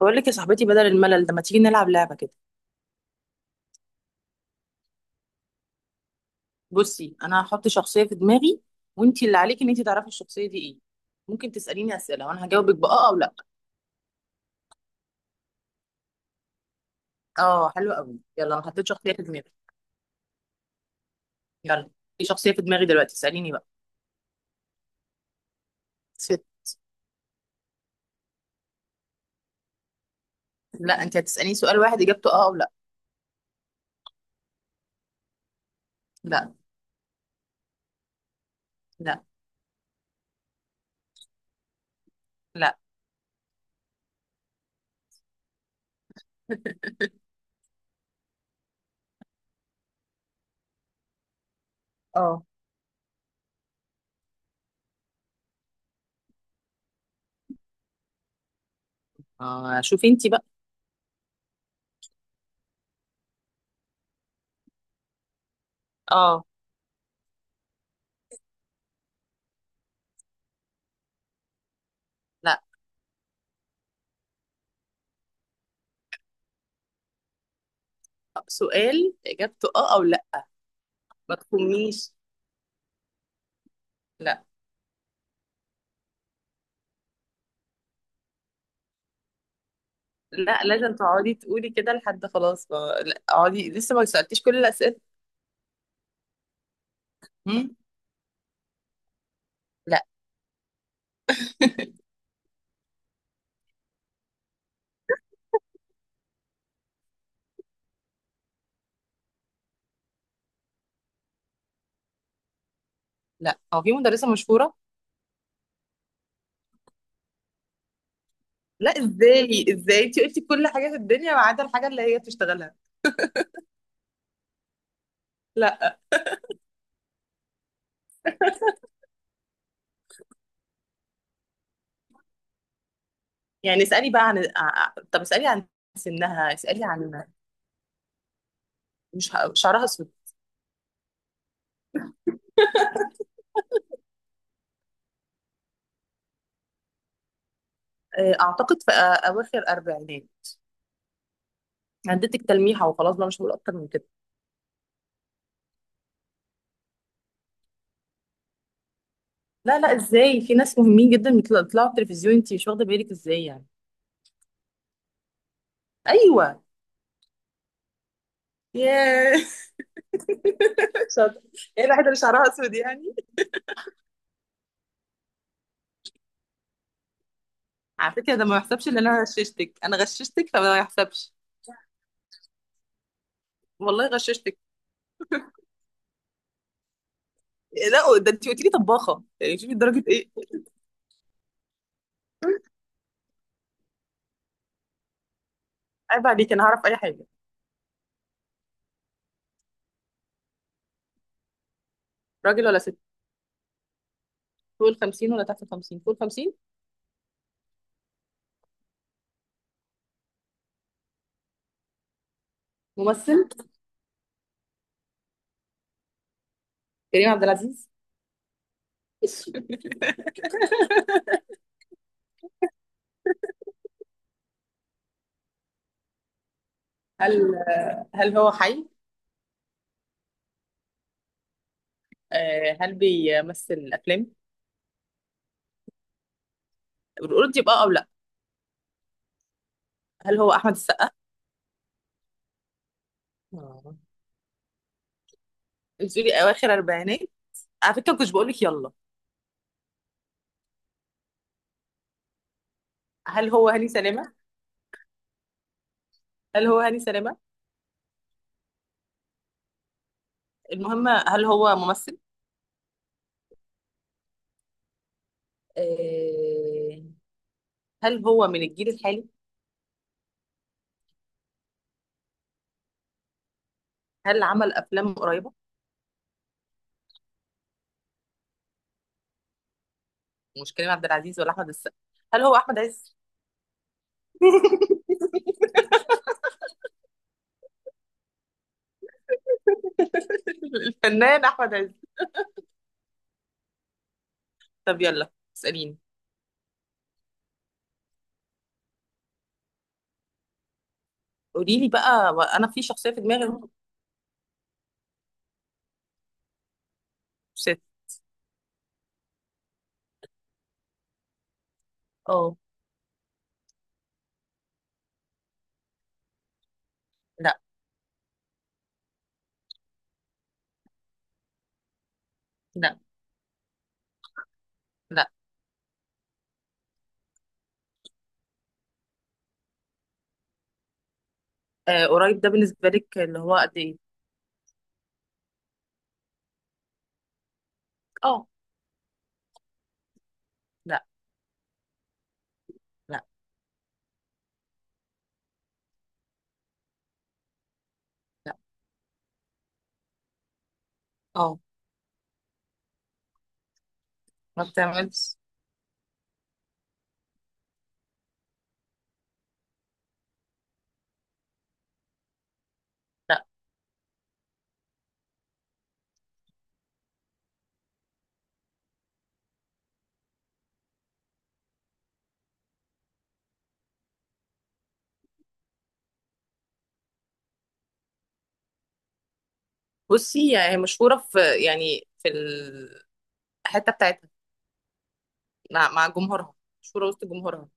بقول لك يا صاحبتي، بدل الملل ده ما تيجي نلعب لعبة كده. بصي، انا هحط شخصية في دماغي، وانتي اللي عليكي ان انتي تعرفي الشخصية دي ايه. ممكن تسأليني أسئلة وانا هجاوبك بآه او لا. اه، حلو قوي، يلا انا حطيت شخصية في دماغي. يلا، في شخصية في دماغي دلوقتي، اسأليني بقى. ست. لا، انتي هتسأليني سؤال واحد اجابته اه او لا. لا. لا. لا. اه. اه شوفي انتي بقى. اه. لا، سؤال اجابته اه او لا. ما تخمنيش. لا. لازم تقعدي تقولي كده لحد خلاص ما... لا اقعدي، لسه ما سألتيش كل الأسئلة. مم؟ لا. لا، هو في مدرسة مشهورة؟ لا، ازاي انت قلتي كل حاجة في الدنيا ما عدا الحاجة اللي هي بتشتغلها. لا. يعني اسألي بقى عن طب اسألي عن سنها، اسألي عن مش ه- شعرها اسود. اعتقد في اواخر اربعينات. اديتك تلميحة وخلاص بقى، مش هقول اكتر من كده. لا لا، ازاي؟ في ناس مهمين جدا بيطلعوا في التلفزيون، انت مش واخدة بالك ازاي يعني. ايوه. ياه. شاطر. ايه الواحدة اللي شعرها اسود يعني. على فكرة، ده ما يحسبش ان انا غششتك، انا غششتك فما يحسبش. والله غششتك. لا ده انت قلت لي طباخه، يعني شوفي درجه ايه. عيب عليك، انا هعرف اي حاجه. راجل ولا ست؟ فوق ال 50 ولا تحت ال 50؟ فوق ال 50. ممثل. كريم عبد العزيز. هل هو حي؟ هل بيمثل افلام؟ القرد يبقى او لا. هل هو احمد السقا؟ آه. انت بتقولي اواخر اربعينات. على فكره ما كنتش بقول لك يلا. هل هو هاني سلامه؟ هل هو هاني سلامه؟ المهم، هل هو ممثل؟ آه، هل هو من الجيل الحالي؟ هل عمل افلام قريبه؟ مش كريم عبد العزيز ولا احمد السقا. هل هو احمد عز؟ الفنان احمد عز. طب يلا اساليني. قولي لي بقى، انا في شخصيه في دماغي هو. ست. اه. لا. لا. لا. آه، قريب ده بالنسبه لك اللي هو قد ايه؟ اه. لا. لا. لا. اه. ما بتعملش. لا بصي، هي مشهوره في، يعني في الحته بتاعتها، مع جمهورها. مشهوره وسط جمهورها،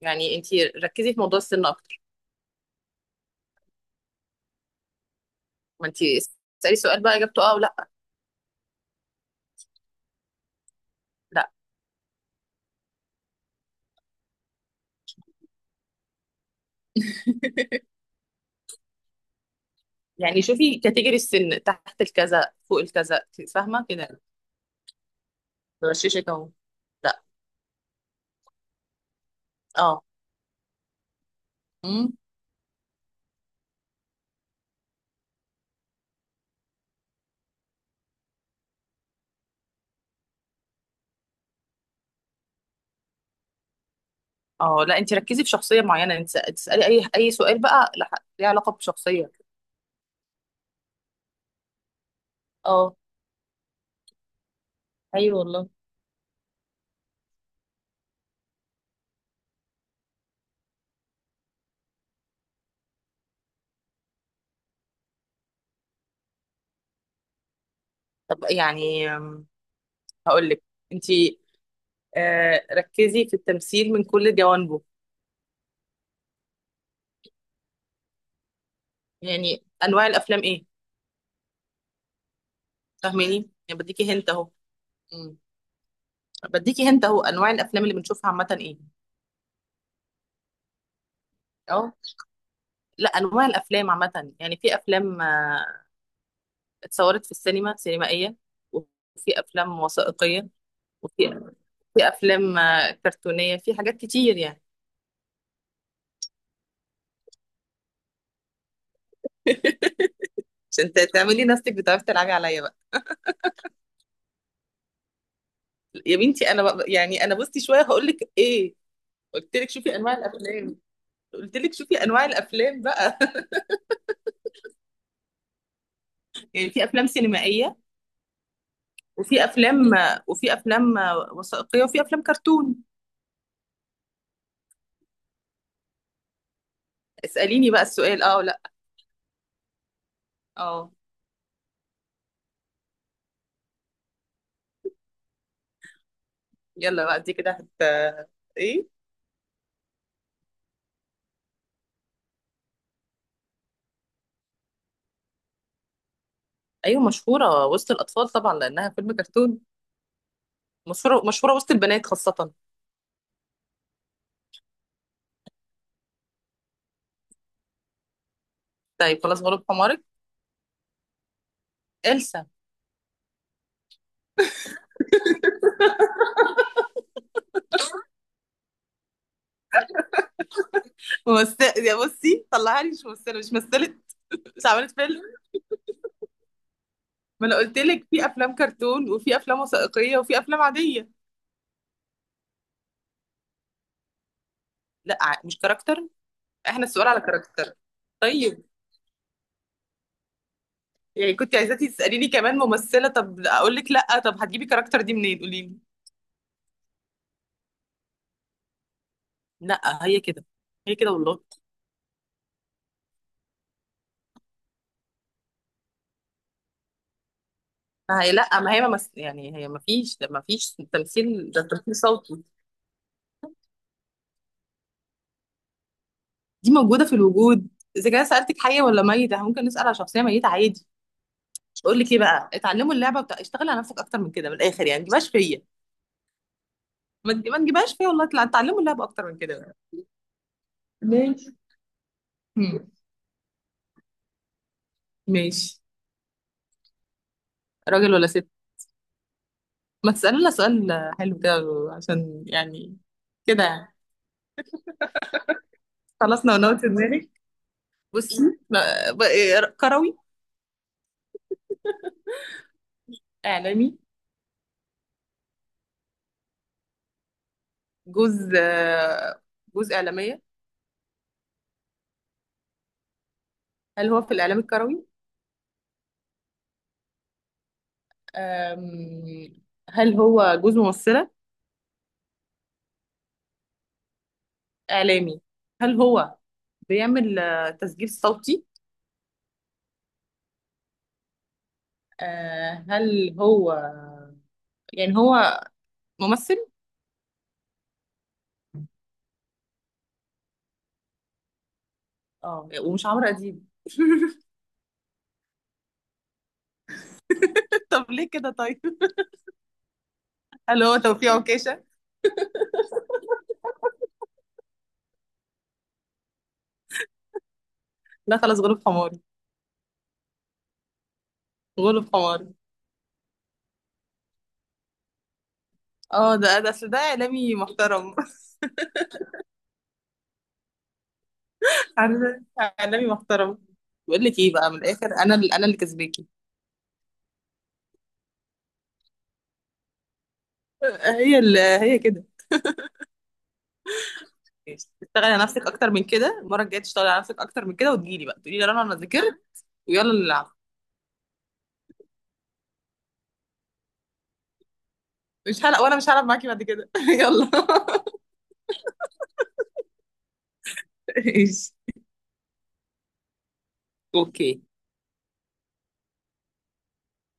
يعني انت ركزي في موضوع السن اكتر. ما انت اسالي سؤال بقى اجابته اه ولا. لا. يعني شوفي كاتيجوري السن، تحت الكذا فوق الكذا، فاهمه كده. بغششك اهو. لا. اه. امم. اه. لا انت ركزي في شخصيه معينه، انت تسالي اي سؤال بقى ليه علاقه بشخصيه. اه. ايوه والله. طب يعني هقول لك، انت ركزي في التمثيل من كل جوانبه. يعني انواع الافلام ايه. فاهماني، يعني بديكي هنت اهو. مم. بديكي هنت اهو، انواع الافلام اللي بنشوفها عامه ايه. اه. لا، انواع الافلام عامه، يعني في افلام اتصورت في السينما سينمائية، وفي أفلام وثائقية، وفي في أفلام كرتونية، في حاجات كتير يعني. عشان تعملي نفسك بتعرفي تلعبي عليا بقى. يا بنتي أنا بقى، يعني أنا بصي شوية هقول لك إيه. قلت لك شوفي أنواع الأفلام. قلت لك شوفي أنواع الأفلام بقى. يعني في أفلام سينمائية، وفي أفلام وثائقية، وفي أفلام كرتون. اسأليني بقى السؤال أه ولا. أه. يلا بقى، دي كده هت، إيه. أيوة مشهورة وسط الأطفال طبعا لأنها فيلم كرتون. مشهورة، مشهورة وسط البنات خاصة. طيب خلاص، غلب حمارك. إلسا. ممثلة يا بصي، طلعها لي مش ممثلة، مش مثلت، مش عملت فيلم. ما أنا قلت لك في أفلام كرتون وفي أفلام وثائقية وفي أفلام عادية. لا مش كاركتر، إحنا السؤال على كاركتر. طيب يعني كنت عايزاكي تسأليني كمان ممثلة؟ طب أقول لك لا. طب هتجيبي كاركتر دي منين قولي لي. لا هي كده، هي كده والله. ما هي لا، ما هي يعني هي ما فيش، ما فيش تمثيل، ده تمثيل صوتي. دي موجودة في الوجود. إذا كان سألتك حية ولا ميتة، إحنا ممكن نسأل على شخصية ميتة عادي. بقول لك إيه بقى، اتعلموا اللعبة بتاع، اشتغلي على نفسك أكتر من كده، من الآخر يعني ما تجيبهاش فيا. ما تجيبهاش فيا والله، اتعلموا اللعبة أكتر من كده بقى. ماشي. هم. ماشي. راجل ولا ست؟ ما تسألي لنا سؤال حلو كده، عشان يعني. كده يعني. خلاص نونوت دماغك. بصي. لا، ب- إيه، كروي؟ إعلامي. جوز جوز إعلامية؟ هل هو في الإعلام الكروي؟ أم، هل هو جوز ممثلة؟ إعلامي. هل هو بيعمل تسجيل صوتي؟ هل هو، يعني هو ممثل؟ اه، ومش عمرو أديب. طب ليه كده طيب. هل هو توفيق عكاشة؟ لا خلاص، غلب حماري. غلب حماري. اه، ده ده اصل ده إعلامي محترم. عارفة؟ إعلامي محترم. بقول لك ايه بقى، من الآخر انا اللي، انا اللي كسباكي. هي اللي، هي كده. اشتغلي على نفسك اكتر من كده، المره الجايه تشتغلي على نفسك اكتر من كده وتجيلي بقى تقولي لي رنا انا ذاكرت. ويلا نلعب. مش هلعب، وانا مش هلعب معاكي بعد كده. يلا. ايش. اوكي.